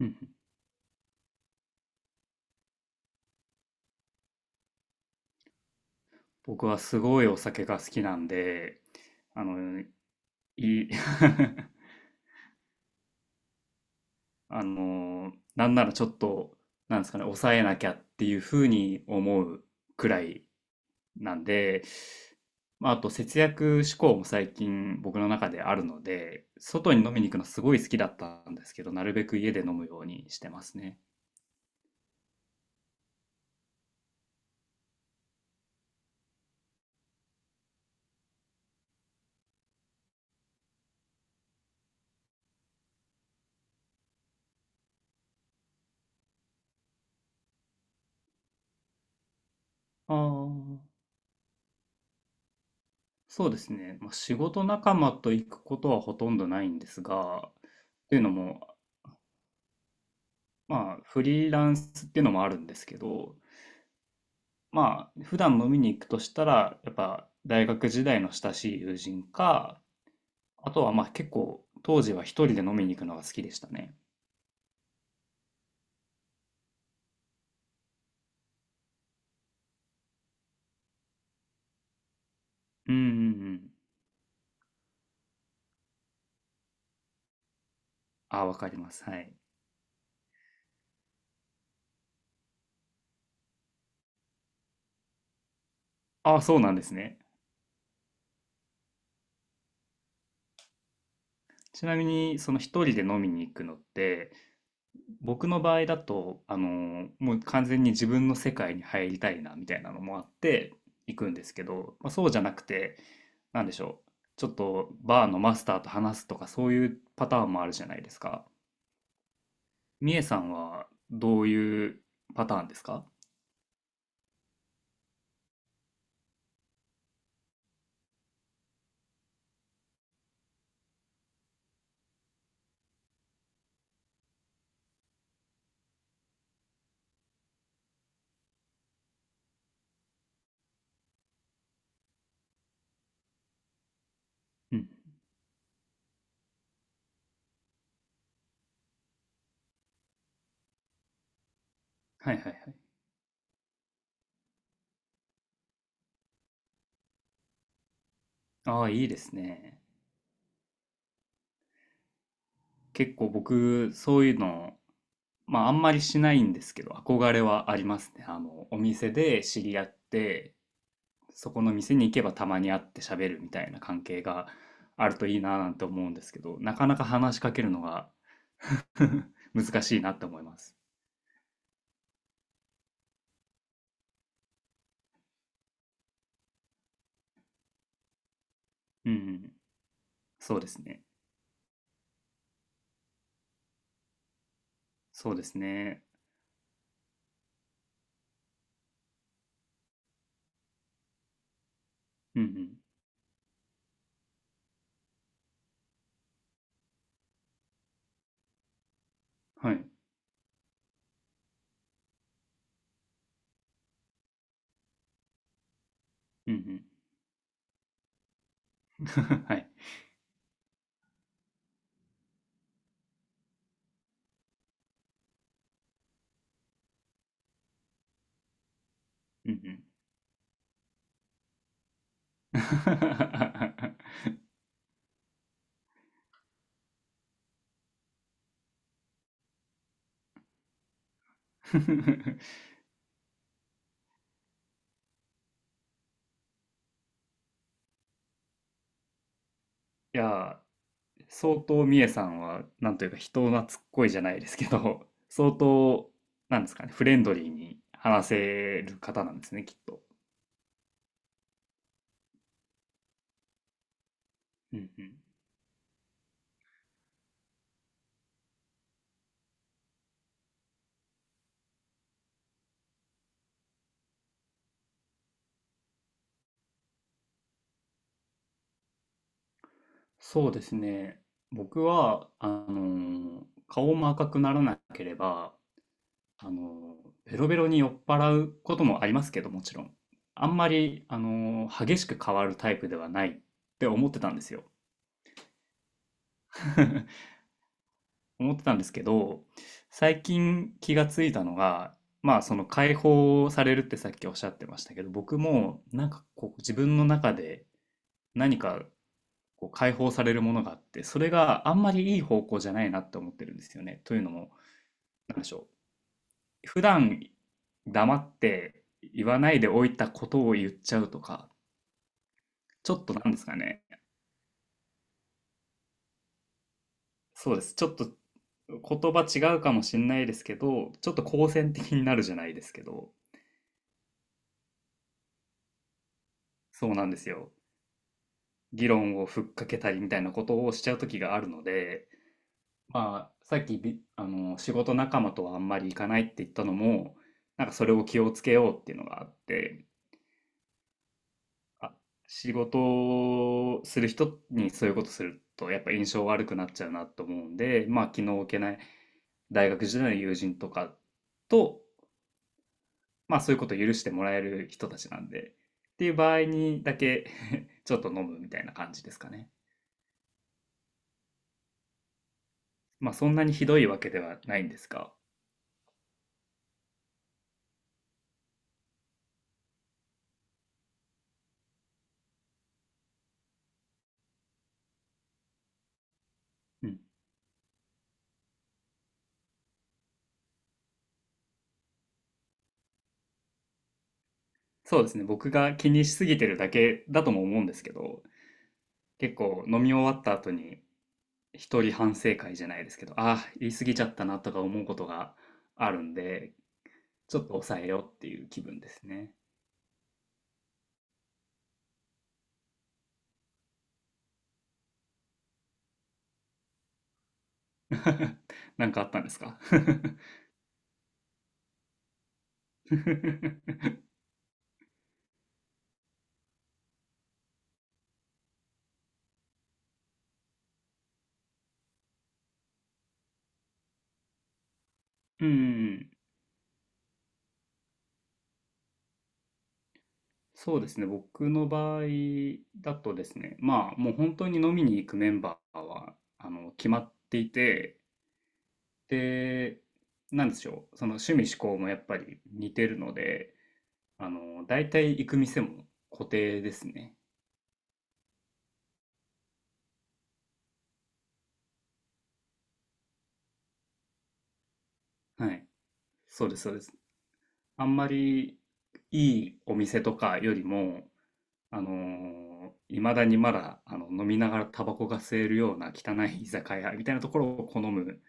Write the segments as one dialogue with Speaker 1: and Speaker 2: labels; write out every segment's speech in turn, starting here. Speaker 1: うんうん。僕はすごいお酒が好きなんで、あの、い、なんならちょっと、なんですかね、抑えなきゃっていうふうに思うくらいなんで、あと節約志向も最近僕の中であるので、外に飲みに行くのすごい好きだったんですけど、なるべく家で飲むようにしてますね。ああ、そうですね。仕事仲間と行くことはほとんどないんですが、というのも、フリーランスっていうのもあるんですけど、普段飲みに行くとしたら、やっぱ大学時代の親しい友人か、あとはまあ結構当時は一人で飲みに行くのが好きでしたね。うんうんうん。あ、わかります。はい。あ、そうなんですね。ちなみに、その一人で飲みに行くのって、僕の場合だと、もう完全に自分の世界に入りたいなみたいなのもあって行くんですけど、まあ、そうじゃなくて、なんでしょう、ちょっとバーのマスターと話すとかそういうパターンもあるじゃないですか。みえさんはどういうパターンですか？うん。はいはいはい。ああ、いいですね。結構僕、そういうの、まああんまりしないんですけど、憧れはありますね。あの、お店で知り合って、そこの店に行けばたまに会って喋るみたいな関係があるといいななんて思うんですけど、なかなか話しかけるのが難しいなって思います。うんうん。そうですね。そうですね。うんうん。はい。うんうん。はい。うんうん。いやー、相当みえさんは、なんというか人懐っこいじゃないですけど、相当、なんですかね、フレンドリーに話せる方なんですね、きっと。うんうん。そうですね。僕は、あのー顔も赤くならなければ、あのーベロベロに酔っ払うこともありますけど、もちろん。あんまり、あのー激しく変わるタイプではないって思ってたんですよ。思ってたんですけど、最近気がついたのが、まあ、その解放されるってさっきおっしゃってましたけど、僕も、なんかこう、自分の中で何かこう解放されるものがあって、それがあんまりいい方向じゃないなって思ってるんですよね。というのも、なんでしょう。普段黙って言わないでおいたことを言っちゃうとか、ちょっとなんですかね。そうです。ちょっと言葉違うかもしれないですけど、ちょっと好戦的になるじゃないですけど、そうなんですよ。議論をふっかけたりみたいなことをしちゃう時があるので、まあ、さっきび、あの、仕事仲間とはあんまり行かないって言ったのも、なんかそれを気をつけようっていうのがあって、あ、仕事をする人にそういうことするとやっぱ印象悪くなっちゃうなと思うんで、まあ気の置けない大学時代の友人とかと、まあそういうことを許してもらえる人たちなんで、っていう場合にだけ ちょっと飲むみたいな感じですかね。まあそんなにひどいわけではないんですが、うん。そうですね。僕が気にしすぎてるだけだとも思うんですけど、結構飲み終わった後に一人反省会じゃないですけど、ああー、言い過ぎちゃったなとか思うことがあるんで、ちょっと抑えようっていう気分ですね。なんかあったんですか？ うん、そうですね。僕の場合だとですね、まあもう本当に飲みに行くメンバーはあの決まっていて、で、なんでしょう、その趣味嗜好もやっぱり似てるので、あの大体行く店も固定ですね。はい、そうです、そうです。あんまりいいお店とかよりも、あのいまだにまだあの飲みながらタバコが吸えるような汚い居酒屋みたいなところを好む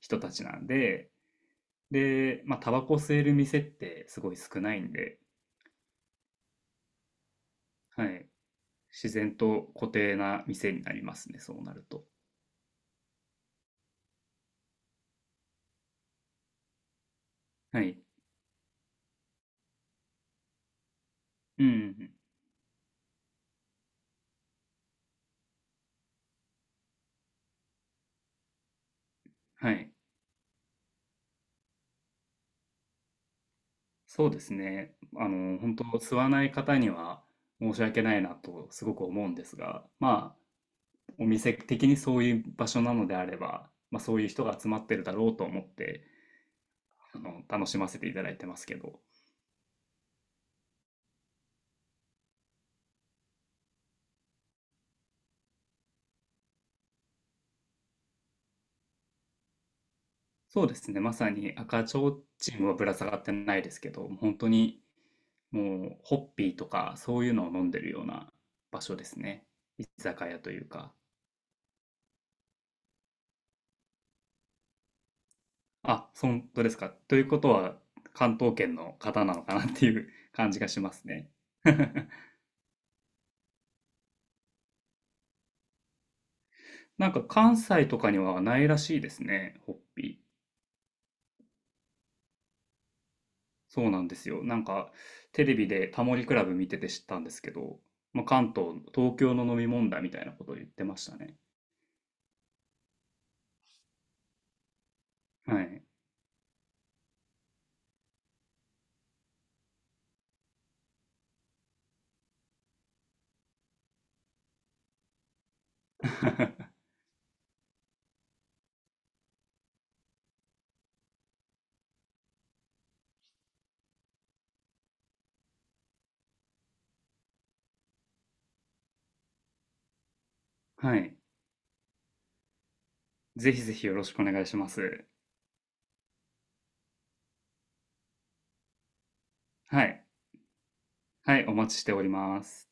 Speaker 1: 人たちなんで、で、まあ、タバコ吸える店ってすごい少ないんで、はい、自然と固定な店になりますね、そうなると。はい。うん。はい。そうですね。あの、本当吸わない方には申し訳ないなとすごく思うんですが、まあ、お店的にそういう場所なのであれば、まあ、そういう人が集まってるだろうと思って、あの、楽しませていただいてますけど。そうですね、まさに赤ちょうちんはぶら下がってないですけど、本当に、もうホッピーとかそういうのを飲んでるような場所ですね。居酒屋というか。あ、そんとですか。ということは、関東圏の方なのかなっていう 感じがしますね。なんか関西とかにはないらしいですね、ホッピー。そうなんですよ。なんか、テレビでタモリクラブ見てて知ったんですけど、まあ、関東、東京の飲み問題みたいなことを言ってましたね。はい。はい。ぜひぜひよろしくお願いします。はい。はい、お待ちしております。